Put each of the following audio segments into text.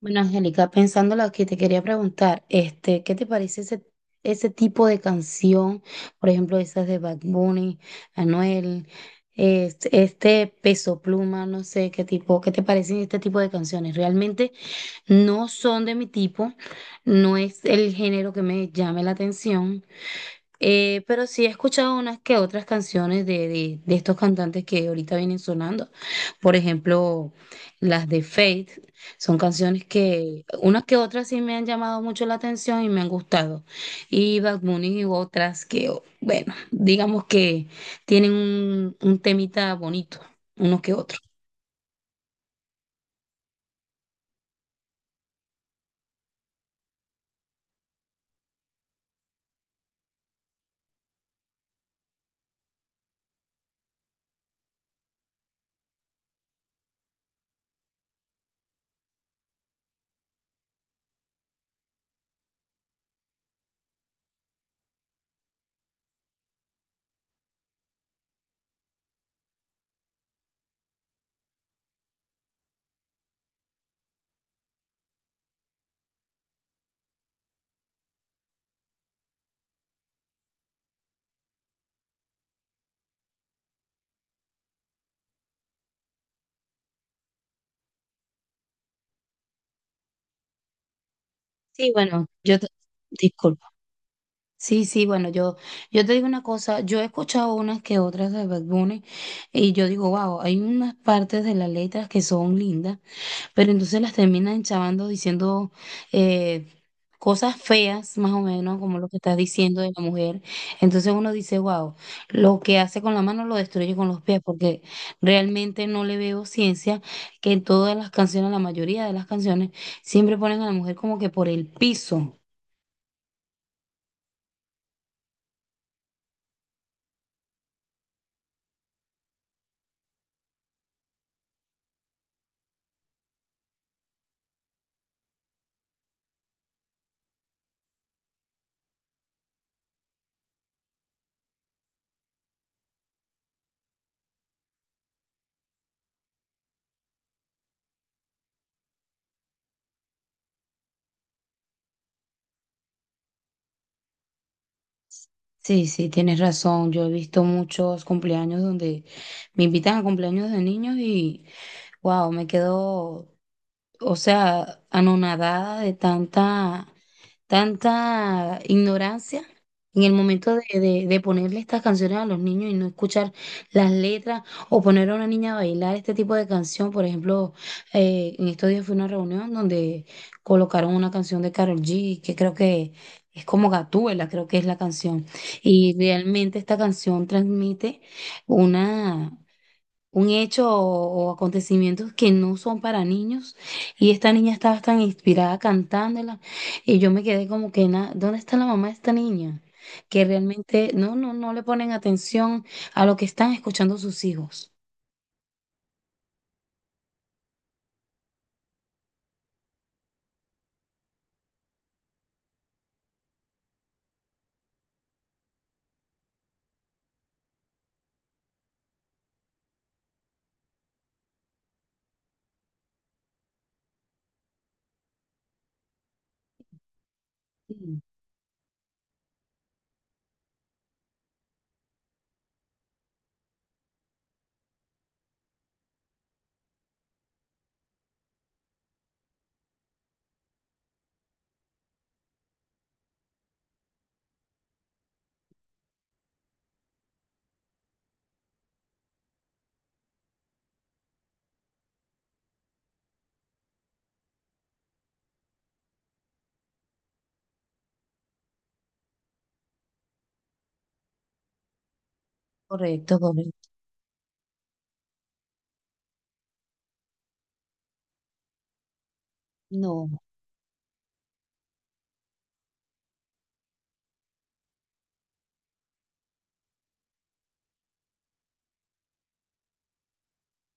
Bueno, Angélica, pensando lo que te quería preguntar, ¿qué te parece ese tipo de canción? Por ejemplo, esas de Bad Bunny, Anuel, este Peso Pluma, no sé qué tipo, ¿qué te parecen este tipo de canciones? Realmente no son de mi tipo, no es el género que me llame la atención, pero sí he escuchado unas que otras canciones de estos cantantes que ahorita vienen sonando. Por ejemplo, las de Faith son canciones que unas que otras sí me han llamado mucho la atención y me han gustado. Y Bad Bunny y otras que, bueno, digamos que tienen un temita bonito, unos que otros. Sí, bueno, disculpa. Sí, bueno, yo te digo una cosa, yo he escuchado unas que otras de Bad Bunny y yo digo, wow, hay unas partes de las letras que son lindas, pero entonces las terminan chavando diciendo eh, cosas feas, más o menos, como lo que estás diciendo de la mujer. Entonces uno dice, wow, lo que hace con la mano lo destruye con los pies, porque realmente no le veo ciencia que en todas las canciones, la mayoría de las canciones, siempre ponen a la mujer como que por el piso. Sí, sí, tienes razón. Yo he visto muchos cumpleaños donde me invitan a cumpleaños de niños y wow, me quedo, o sea, anonadada de tanta tanta ignorancia en el momento de ponerle estas canciones a los niños y no escuchar las letras o poner a una niña a bailar este tipo de canción. Por ejemplo, en estos días fue una reunión donde colocaron una canción de Karol G, que creo que es como Gatúbela, creo que es la canción. Y realmente esta canción transmite una un hecho o acontecimientos que no son para niños. Y esta niña estaba tan inspirada cantándola. Y yo me quedé como que, ¿dónde está la mamá de esta niña? Que realmente no le ponen atención a lo que están escuchando sus hijos. Sí, correcto, correcto. No.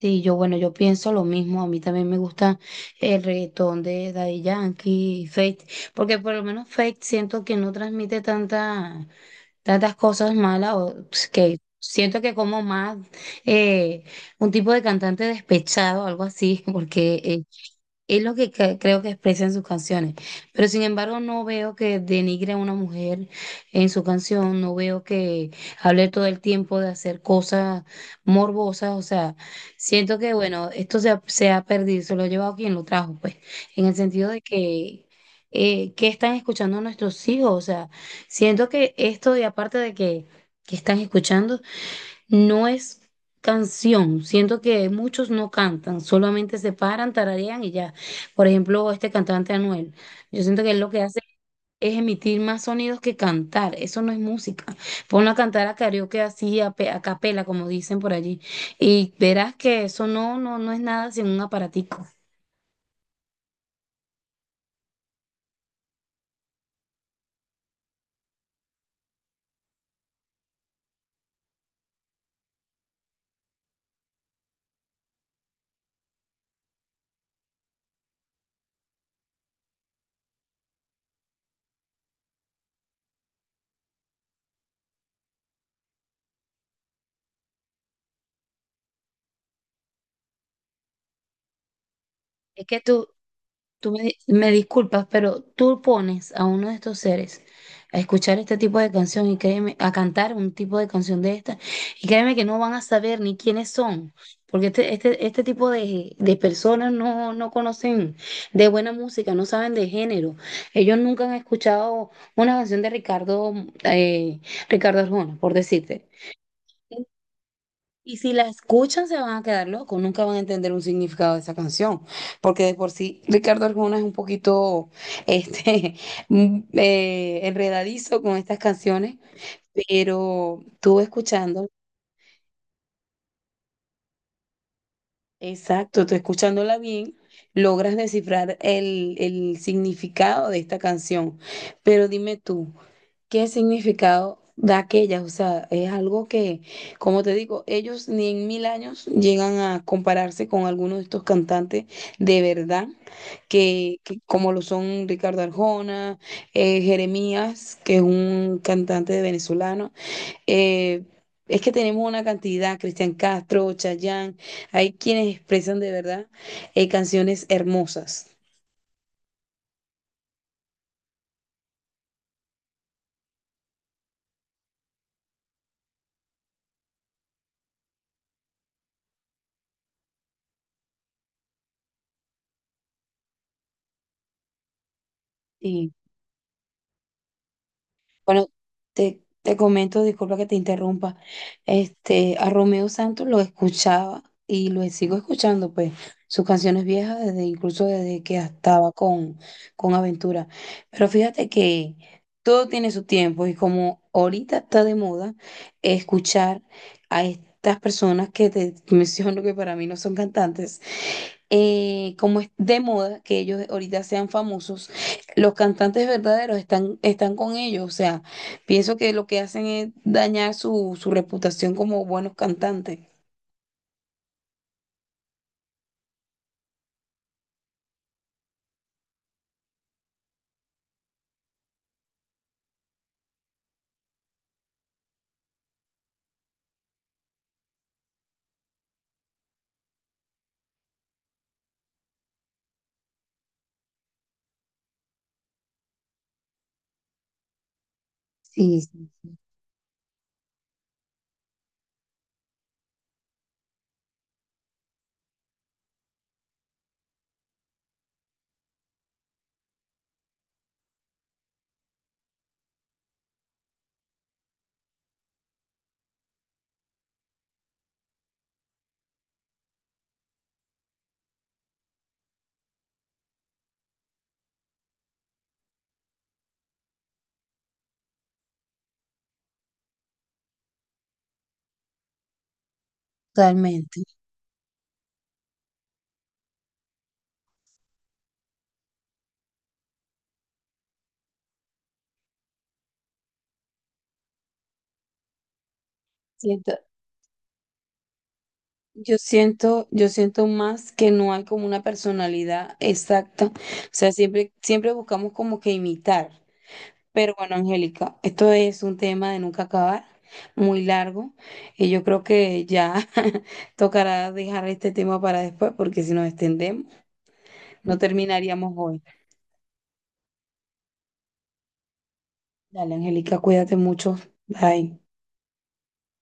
Sí, yo, bueno, yo pienso lo mismo. A mí también me gusta el reggaetón de Daddy Yankee, Feid, porque por lo menos Feid siento que no transmite tanta. Tantas cosas malas o pues, que siento que como más eh, un tipo de cantante despechado, algo así, porque es lo que creo que expresa en sus canciones. Pero sin embargo, no veo que denigre a una mujer en su canción, no veo que hable todo el tiempo de hacer cosas morbosas. O sea, siento que, bueno, esto se ha perdido, se lo ha llevado quien lo trajo, pues, en el sentido de que, ¿qué están escuchando nuestros hijos? O sea, siento que esto, y aparte de que están escuchando, no es canción, siento que muchos no cantan, solamente se paran, tararean y ya. Por ejemplo, este cantante Anuel, yo siento que él lo que hace es emitir más sonidos que cantar, eso no es música. Ponlo a cantar a karaoke así, a, a capela, como dicen por allí, y verás que eso no es nada sin un aparatico. Es que tú me, me disculpas, pero tú pones a uno de estos seres a escuchar este tipo de canción y créeme, a cantar un tipo de canción de esta, y créeme que no van a saber ni quiénes son, porque este tipo de personas no conocen de buena música, no saben de género. Ellos nunca han escuchado una canción de Ricardo, eh, Ricardo Arjona, por decirte. Y si la escuchan, se van a quedar locos, nunca van a entender un significado de esa canción, porque de por sí Ricardo Arjona es un poquito este, enredadizo con estas canciones, pero tú escuchando, exacto, tú escuchándola bien, logras descifrar el significado de esta canción. Pero dime tú, ¿qué significado da aquellas? O sea, es algo que, como te digo, ellos ni en mil años llegan a compararse con algunos de estos cantantes de verdad, que como lo son Ricardo Arjona, Jeremías, que es un cantante de venezolano. eh, es que tenemos una cantidad, Cristian Castro, Chayanne, hay quienes expresan de verdad canciones hermosas. Bueno, te comento, disculpa que te interrumpa. Este, a Romeo Santos lo escuchaba y lo sigo escuchando, pues, sus canciones viejas, desde, incluso desde que estaba con Aventura. Pero fíjate que todo tiene su tiempo y como ahorita está de moda escuchar a estas personas que te menciono que para mí no son cantantes, como es de moda que ellos ahorita sean famosos los cantantes verdaderos están con ellos, o sea, pienso que lo que hacen es dañar su reputación como buenos cantantes. Sí, sí, totalmente. Siento- yo siento más que no hay como una personalidad exacta. O sea, siempre buscamos como que imitar. Pero bueno, Angélica, esto es un tema de nunca acabar, muy largo. Y yo creo que ya tocará dejar este tema para después, porque si nos extendemos, no terminaríamos hoy. Dale, Angélica, cuídate mucho. Bye.